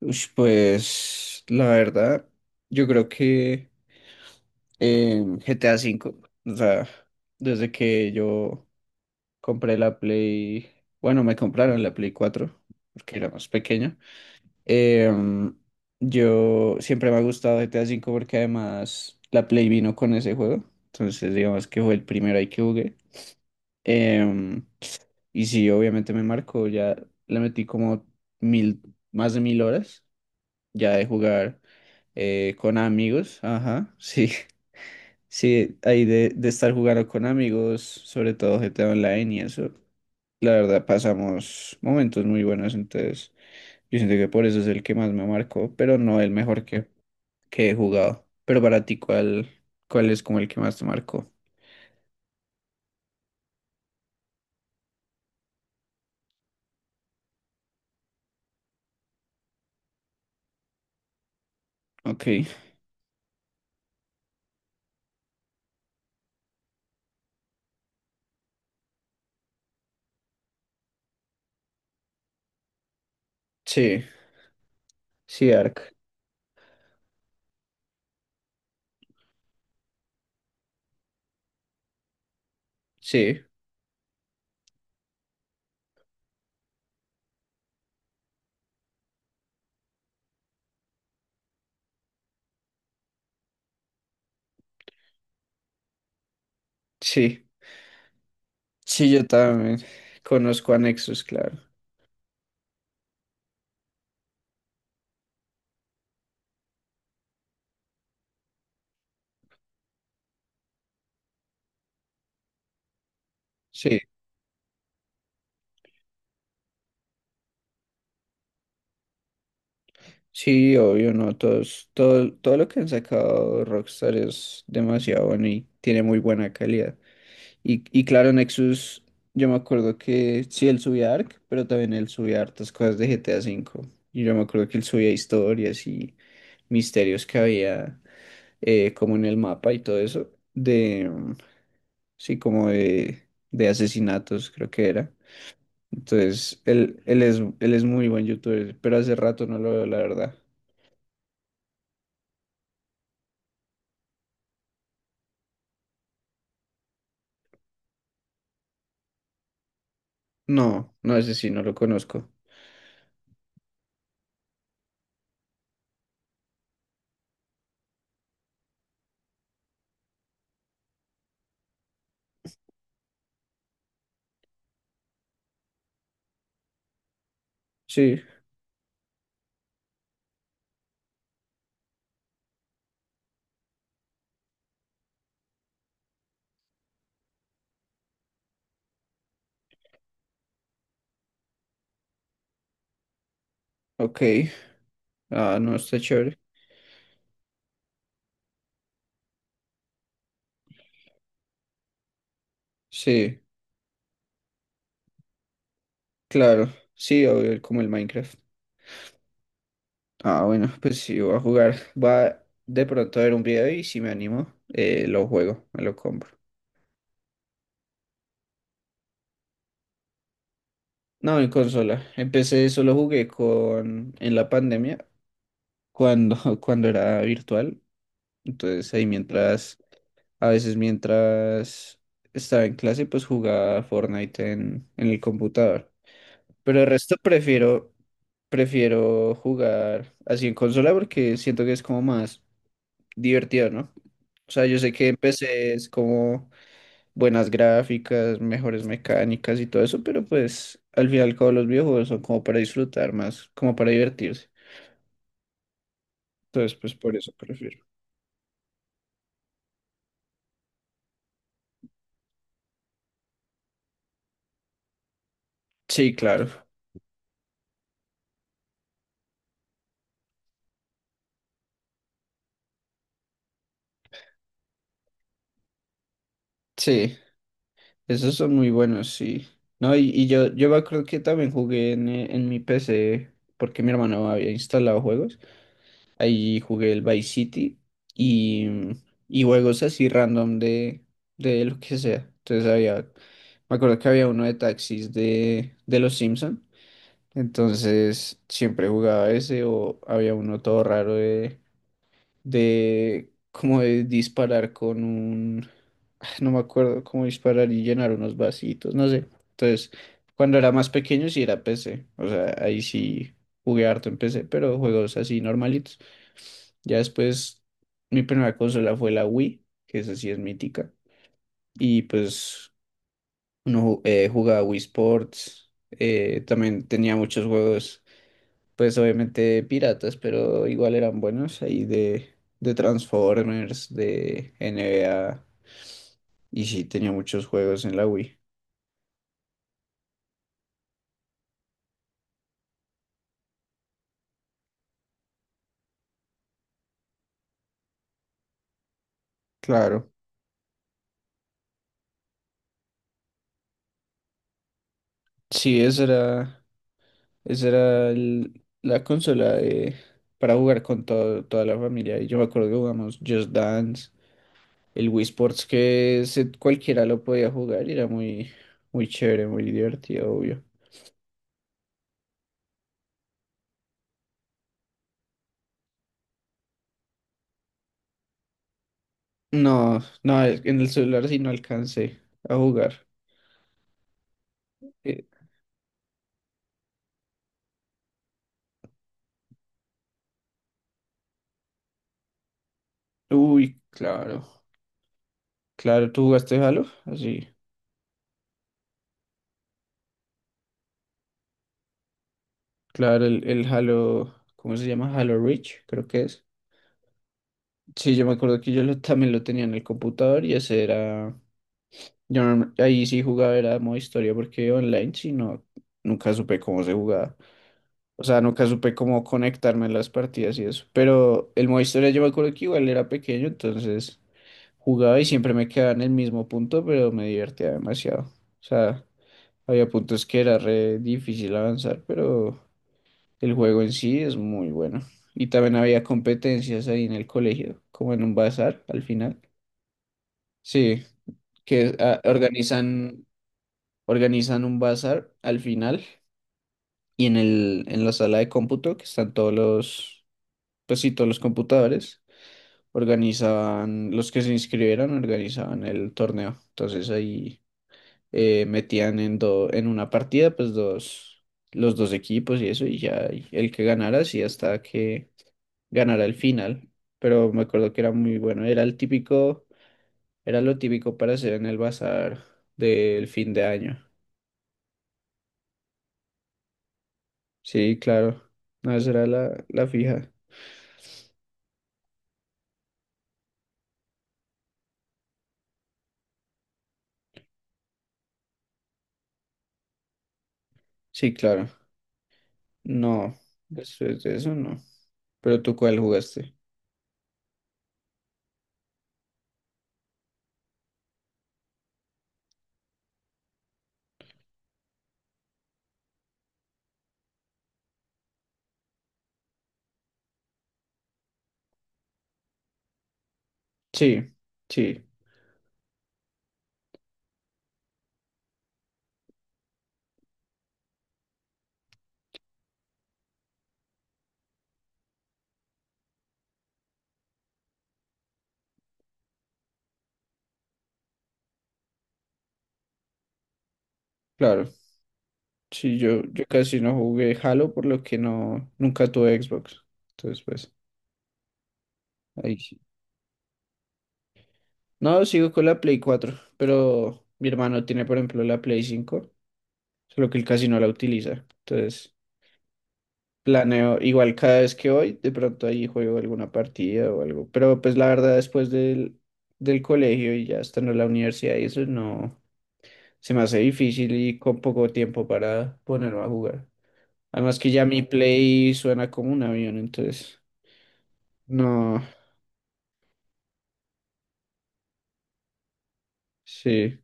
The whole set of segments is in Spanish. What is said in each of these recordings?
Ush, pues la verdad, yo creo que GTA cinco, o sea, desde que yo compré la Play, bueno, me compraron la Play cuatro porque era más pequeño. em, yo siempre me ha gustado GTA cinco porque además la Play vino con ese juego, entonces digamos que fue el primero ahí que jugué. em, y sí, obviamente me marcó, ya le metí como mil, más de mil horas, ya de jugar con amigos. Ajá, sí, sí, ahí de estar jugando con amigos, sobre todo GTA Online y eso. La verdad pasamos momentos muy buenos, entonces yo siento que por eso es el que más me marcó, pero no el mejor que he jugado. Pero para ti, cuál es como el que más te marcó? Ok. Sí, sí, Ark. Sí, sí, sí, yo también conozco a Nexus, claro. Sí. Sí, obvio, no, todos, todo, todo lo que han sacado Rockstar es demasiado bueno y tiene muy buena calidad. Y claro, Nexus, yo me acuerdo que sí, él subía Ark, pero también él subía hartas cosas de GTA V. Y yo me acuerdo que él subía historias y misterios que había, como en el mapa y todo eso, de, mm, sí, como de asesinatos, creo que era. Entonces, él es muy buen youtuber, pero hace rato no lo veo, la verdad. No, no, ese sí, no lo conozco. Sí, ok. Ah, no, está chévere. Sí, claro. Sí, obvio, como el Minecraft. Ah, bueno, pues sí, voy a jugar. Va de pronto a ver un video y si me animo, lo juego, me lo compro. No, en consola. Empecé, solo jugué con en la pandemia, cuando, cuando era virtual. Entonces ahí mientras, a veces mientras estaba en clase, pues jugaba Fortnite en el computador. Pero el resto prefiero, prefiero jugar así en consola porque siento que es como más divertido, ¿no? O sea, yo sé que en PC es como buenas gráficas, mejores mecánicas y todo eso, pero pues al final todos los videojuegos son como para disfrutar más, como para divertirse. Entonces, pues por eso prefiero. Sí, claro. Sí, esos son muy buenos, sí. No, y yo me acuerdo que también jugué en mi PC porque mi hermano había instalado juegos. Ahí jugué el Vice City y, y juegos así random de lo que sea. Entonces había, me acuerdo que había uno de taxis de los Simpson. Entonces siempre jugaba ese o había uno todo raro de como de disparar con un, ah, no me acuerdo cómo disparar y llenar unos vasitos, no sé. Entonces, cuando era más pequeño sí era PC, o sea, ahí sí jugué harto en PC, pero juegos así normalitos. Ya después mi primera consola fue la Wii, que esa sí es mítica, y pues uno jugaba Wii Sports, también tenía muchos juegos pues obviamente piratas, pero igual eran buenos ahí de Transformers, de NBA, y sí, tenía muchos juegos en la Wii. Claro, sí, esa era la consola para jugar con toda la familia. Y yo me acuerdo que jugamos Just Dance, el Wii Sports, que cualquiera lo podía jugar y era muy, muy chévere, muy divertido, obvio. No, no, en el celular sí no alcancé a jugar. Eh, Uy, claro. Claro, ¿tú jugaste Halo? Así. Claro, el Halo, ¿cómo se llama? Halo Reach, creo que es. Sí, yo me acuerdo que yo también lo tenía en el computador y ese era... Yo no- ahí sí jugaba, era modo historia, porque online sí no, nunca supe cómo se jugaba. O sea, nunca supe cómo conectarme en las partidas y eso. Pero el modo historia yo me acuerdo que igual era pequeño, entonces jugaba y siempre me quedaba en el mismo punto, pero me divertía demasiado. O sea, había puntos que era re difícil avanzar, pero... El juego en sí es muy bueno. Y también había competencias ahí en el colegio, como en un bazar al final. Sí, que organizan un bazar al final y en el, en la sala de cómputo, que están todos los, pues sí, todos los computadores, los que se inscribieron organizaban el torneo. Entonces ahí metían en, en una partida, pues dos, los dos equipos y eso, y ya y el que ganara, sí, hasta que ganara el final, pero me acuerdo que era muy bueno. Era el típico, era lo típico para hacer en el bazar del fin de año. Sí, claro. No, esa era la, la fija. Sí, claro. No, después de eso no. Pero tú cuál jugaste. Sí, sí, claro. Sí, yo casi no jugué Halo, por lo que no, nunca tuve Xbox. Entonces, pues, ahí sí. No, sigo con la Play cuatro, pero mi hermano tiene, por ejemplo, la Play cinco, solo que él casi no la utiliza. Entonces, planeo, igual cada vez que voy, de pronto ahí juego alguna partida o algo. Pero pues la verdad, después del, del colegio y ya estando en la universidad y eso, no, se me hace difícil y con poco tiempo para ponerme a jugar. Además que ya mi play suena como un avión, entonces, no, sí.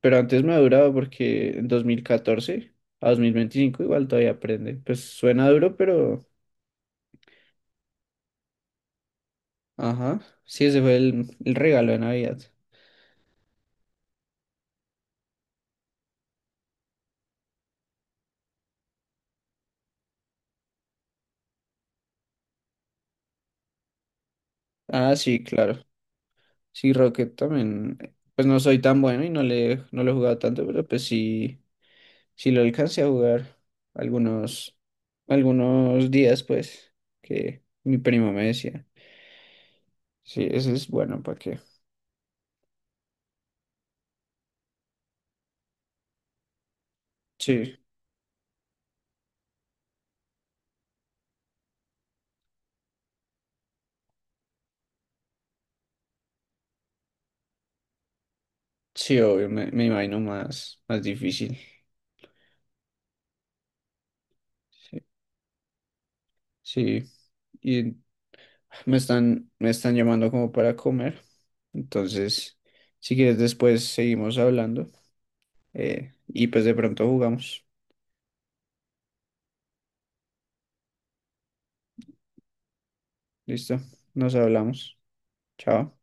Pero antes me ha durado porque en 2014 a 2025 igual todavía aprende. Pues suena duro, pero, ajá, sí, ese fue el regalo de Navidad. Ah, sí, claro. Sí, Rocket también, pues no soy tan bueno y no le, no lo he jugado tanto, pero pues sí, sí lo alcancé a jugar algunos, algunos días, pues, que mi primo me decía. Sí, ese es bueno, ¿para qué? Sí, sí, obvio, me imagino más, más difícil. Sí, sí, y me están llamando como para comer, entonces, si quieres después seguimos hablando y pues de pronto jugamos. ¿Listo? Nos hablamos. Chao.